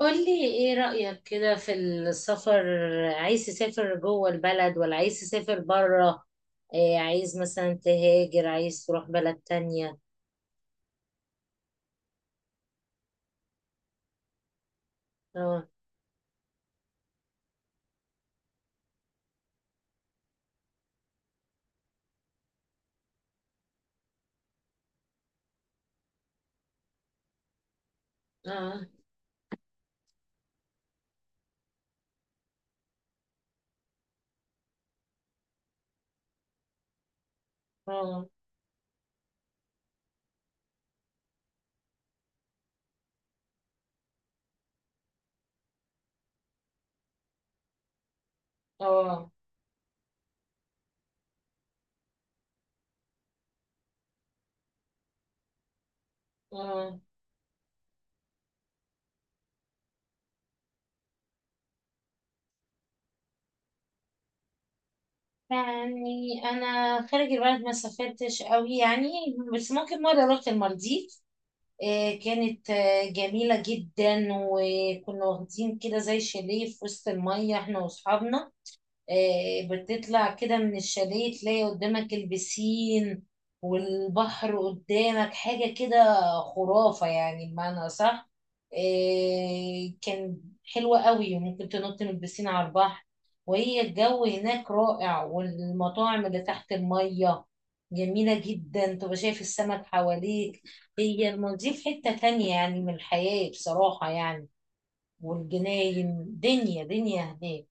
قولي ايه رأيك كده في السفر. عايز تسافر جوه البلد ولا عايز تسافر بره؟ إيه، عايز مثلا تهاجر، عايز تروح بلد تانية؟ اه. اه. اه. اه. اه. يعني انا خارج البلد ما سافرتش قوي يعني، بس ممكن مرة رحت المالديف. إيه، كانت جميلة جدا، وكنا واخدين كده زي شاليه في وسط المية احنا واصحابنا. بتطلع كده من الشاليه تلاقي قدامك البسين والبحر قدامك، حاجة كده خرافة يعني بمعنى صح. كان حلوة قوي، ممكن تنط من البسين على البحر. وهي الجو هناك رائع، والمطاعم اللي تحت المية جميلة جدا، تبقى شايف السمك حواليك. هي المالديف حتة تانية يعني من الحياة بصراحة يعني. والجناين دنيا دنيا هناك.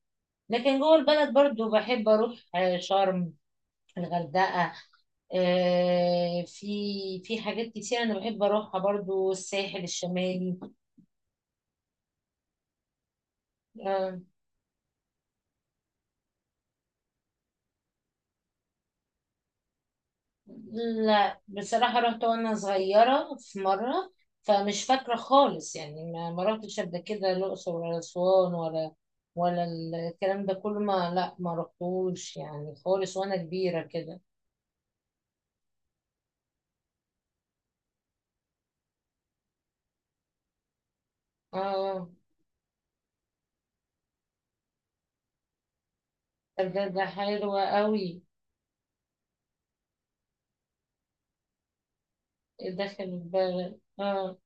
لكن جوه البلد برضو بحب اروح شرم، الغردقة. في في حاجات كتير انا بحب اروحها، برضو الساحل الشمالي. آه، لا بصراحة رحت وانا صغيرة في مرة، فمش فاكرة خالص يعني ما رحتش قبل كده الأقصر ولا أسوان ولا ولا الكلام ده كله، ما رحتوش يعني خالص وانا كبيرة كده. اه. ده حلوة قوي. داخل البلد، اه.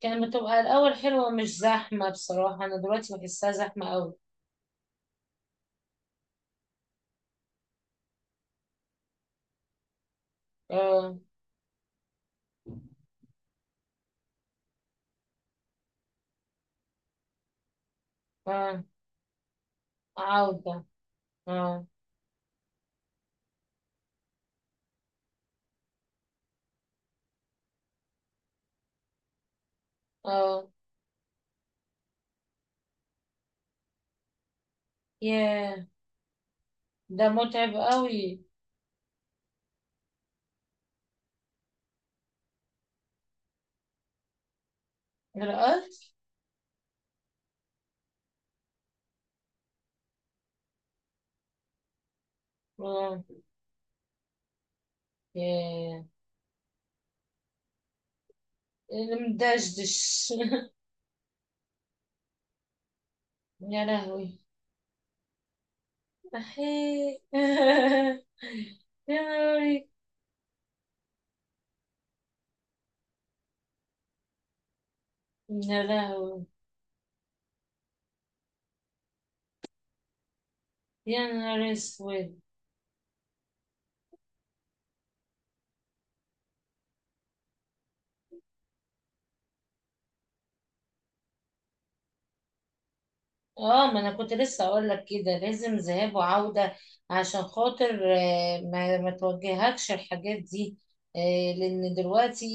كانت بتبقى الأول حلوة، مش زحمة بصراحة، أنا دلوقتي بحسها زحمة أوي. اه. اه، عودة. اه. اه. ياه، ده متعب أوي. الرقص. اه. ياه. اللي مدشدش. يا لهوي. أحيي. يا نهاري. يا لهوي. يا نهار أسود. اه، ما انا كنت لسه اقول لك كده لازم ذهاب وعودة، عشان خاطر ما توجهكش الحاجات دي. لان دلوقتي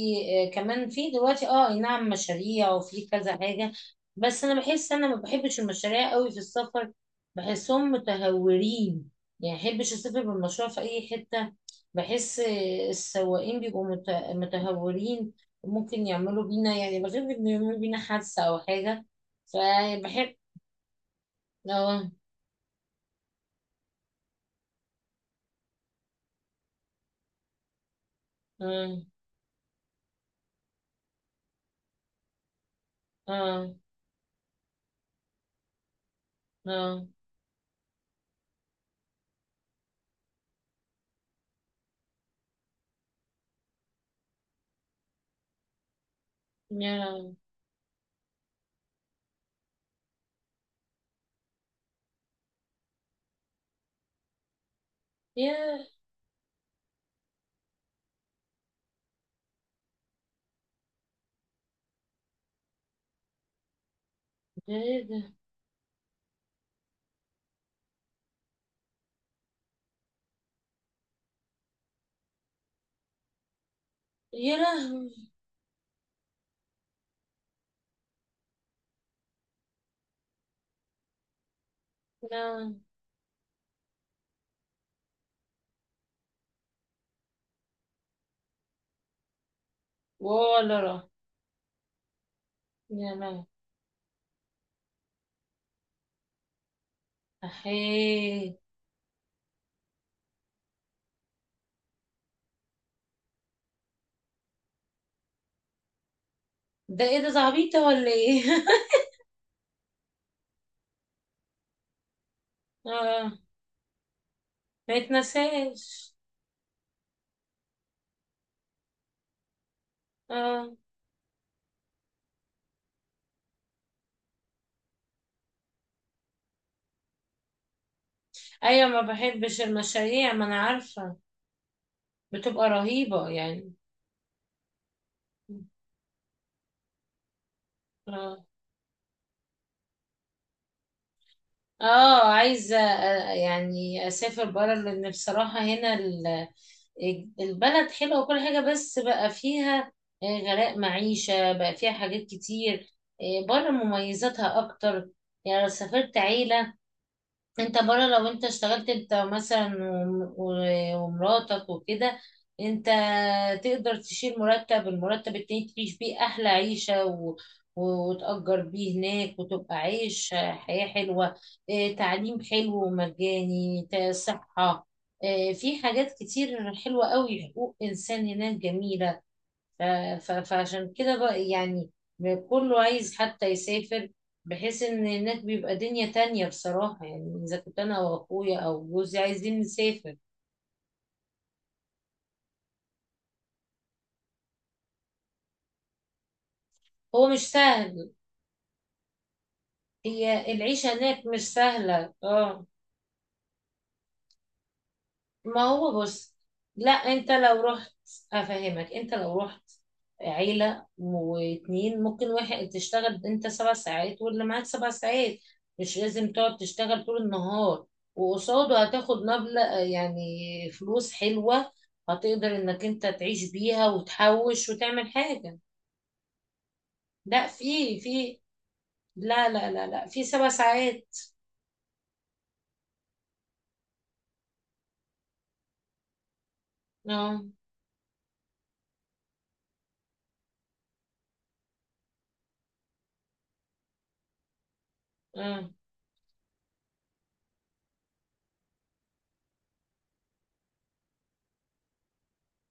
كمان في دلوقتي، اه أي نعم، مشاريع وفي كذا حاجة. بس انا بحس انا ما بحبش المشاريع قوي في السفر، بحسهم متهورين. يعني بحبش اسافر بالمشروع في اي حتة. بحس السواقين بيبقوا متهورين، وممكن يعملوا بينا يعني، بخاف إن يعملوا بينا حادثة او حاجة. فبحب. اه. اه. اه. اه. يا لهوي. يا، ده ايه ده؟ يا لهوي. لا. ولا راح. يا لهوي. احي. ده ايه ده، زعبيطة ولا ايه؟ اه. ما يتنساش. اه. ايوه، ما بحبش المشاريع، ما انا عارفة. بتبقى رهيبة يعني. اه. اه، عايزة يعني اسافر بره، لان بصراحة هنا البلد حلوة وكل حاجة، بس بقى فيها غلاء معيشة، بقى فيها حاجات كتير. بره مميزاتها اكتر. يعني لو سافرت عيلة، انت بره، لو انت اشتغلت انت مثلا ومراتك وكده، انت تقدر تشيل مرتب، المرتب التاني تعيش بيه احلى عيشة وتأجر بيه هناك، وتبقى عايش حياة حلوة. اه، تعليم حلو ومجاني، صحة. اه، في حاجات كتير حلوة قوي، حقوق إنسان هناك جميلة. ف- فعشان كده بقى يعني كله عايز حتى يسافر، بحيث ان هناك بيبقى دنيا تانية بصراحة يعني، اذا كنت انا او اخويا او جوزي عايزين نسافر. هو مش سهل. هي العيشة هناك مش سهلة، اه. ما هو بص. لا انت لو رحت، افهمك، انت لو رحت عيلة واتنين، ممكن واحد تشتغل انت سبع ساعات واللي معاك سبع ساعات، مش لازم تقعد تشتغل طول النهار، وقصاده هتاخد مبلغ يعني، فلوس حلوة، هتقدر انك انت تعيش بيها وتحوش وتعمل حاجة. لا في في، لا في سبع ساعات. اه. اه.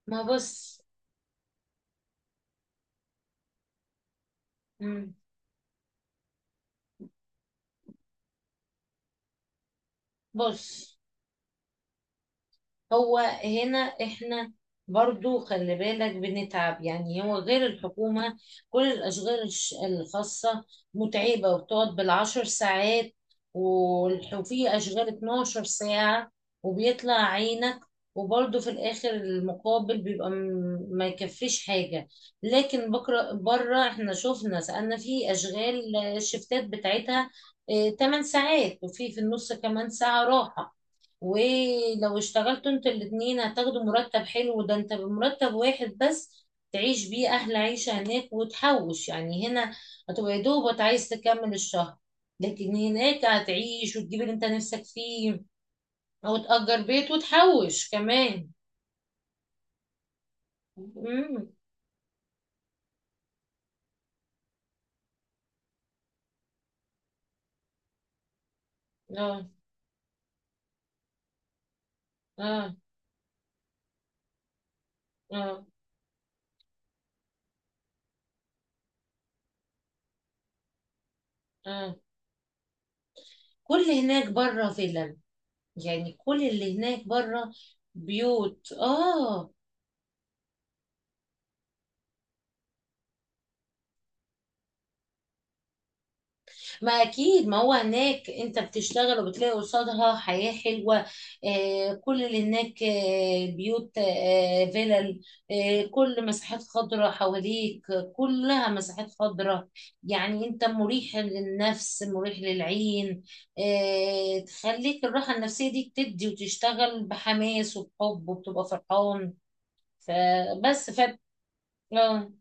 ما بص. مم. بص، هو هنا احنا برضو خلي بالك بنتعب يعني، هو غير الحكومة كل الأشغال الخاصة متعبة، وبتقعد بالعشر ساعات، وفي أشغال 12 ساعة وبيطلع عينك، وبرضو في الآخر المقابل بيبقى ما يكفيش حاجة. لكن بكرة بره احنا شفنا، سألنا، في أشغال الشفتات بتاعتها 8 ساعات، وفي في النص كمان ساعة راحة، ولو اشتغلتوا انتوا الاتنين هتاخدوا مرتب حلو، ده انت بمرتب واحد بس تعيش بيه احلى عيشة هناك وتحوش. يعني هنا هتبقى يا دوبك عايز تكمل الشهر، لكن هناك هتعيش وتجيب اللي انت نفسك فيه، او تأجر بيت وتحوش كمان. امم. اه. اه. اه. اه. كل هناك بره فيلم. يعني كل اللي هناك بره بيوت، اه. ما اكيد، ما هو هناك انت بتشتغل وبتلاقي قصادها حياة حلوة. آه كل اللي هناك آه بيوت آه فيلل، آه كل مساحات خضراء حواليك، آه، كلها مساحات خضراء، يعني انت مريح للنفس مريح للعين. آه تخليك الراحة النفسية دي تدي، وتشتغل بحماس وبحب وبتبقى فرحان. فبس فت... آه،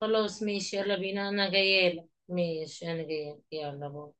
خلاص ماشي، يلا بينا، انا جايالك، ماشي انا جايالك، يلا باي.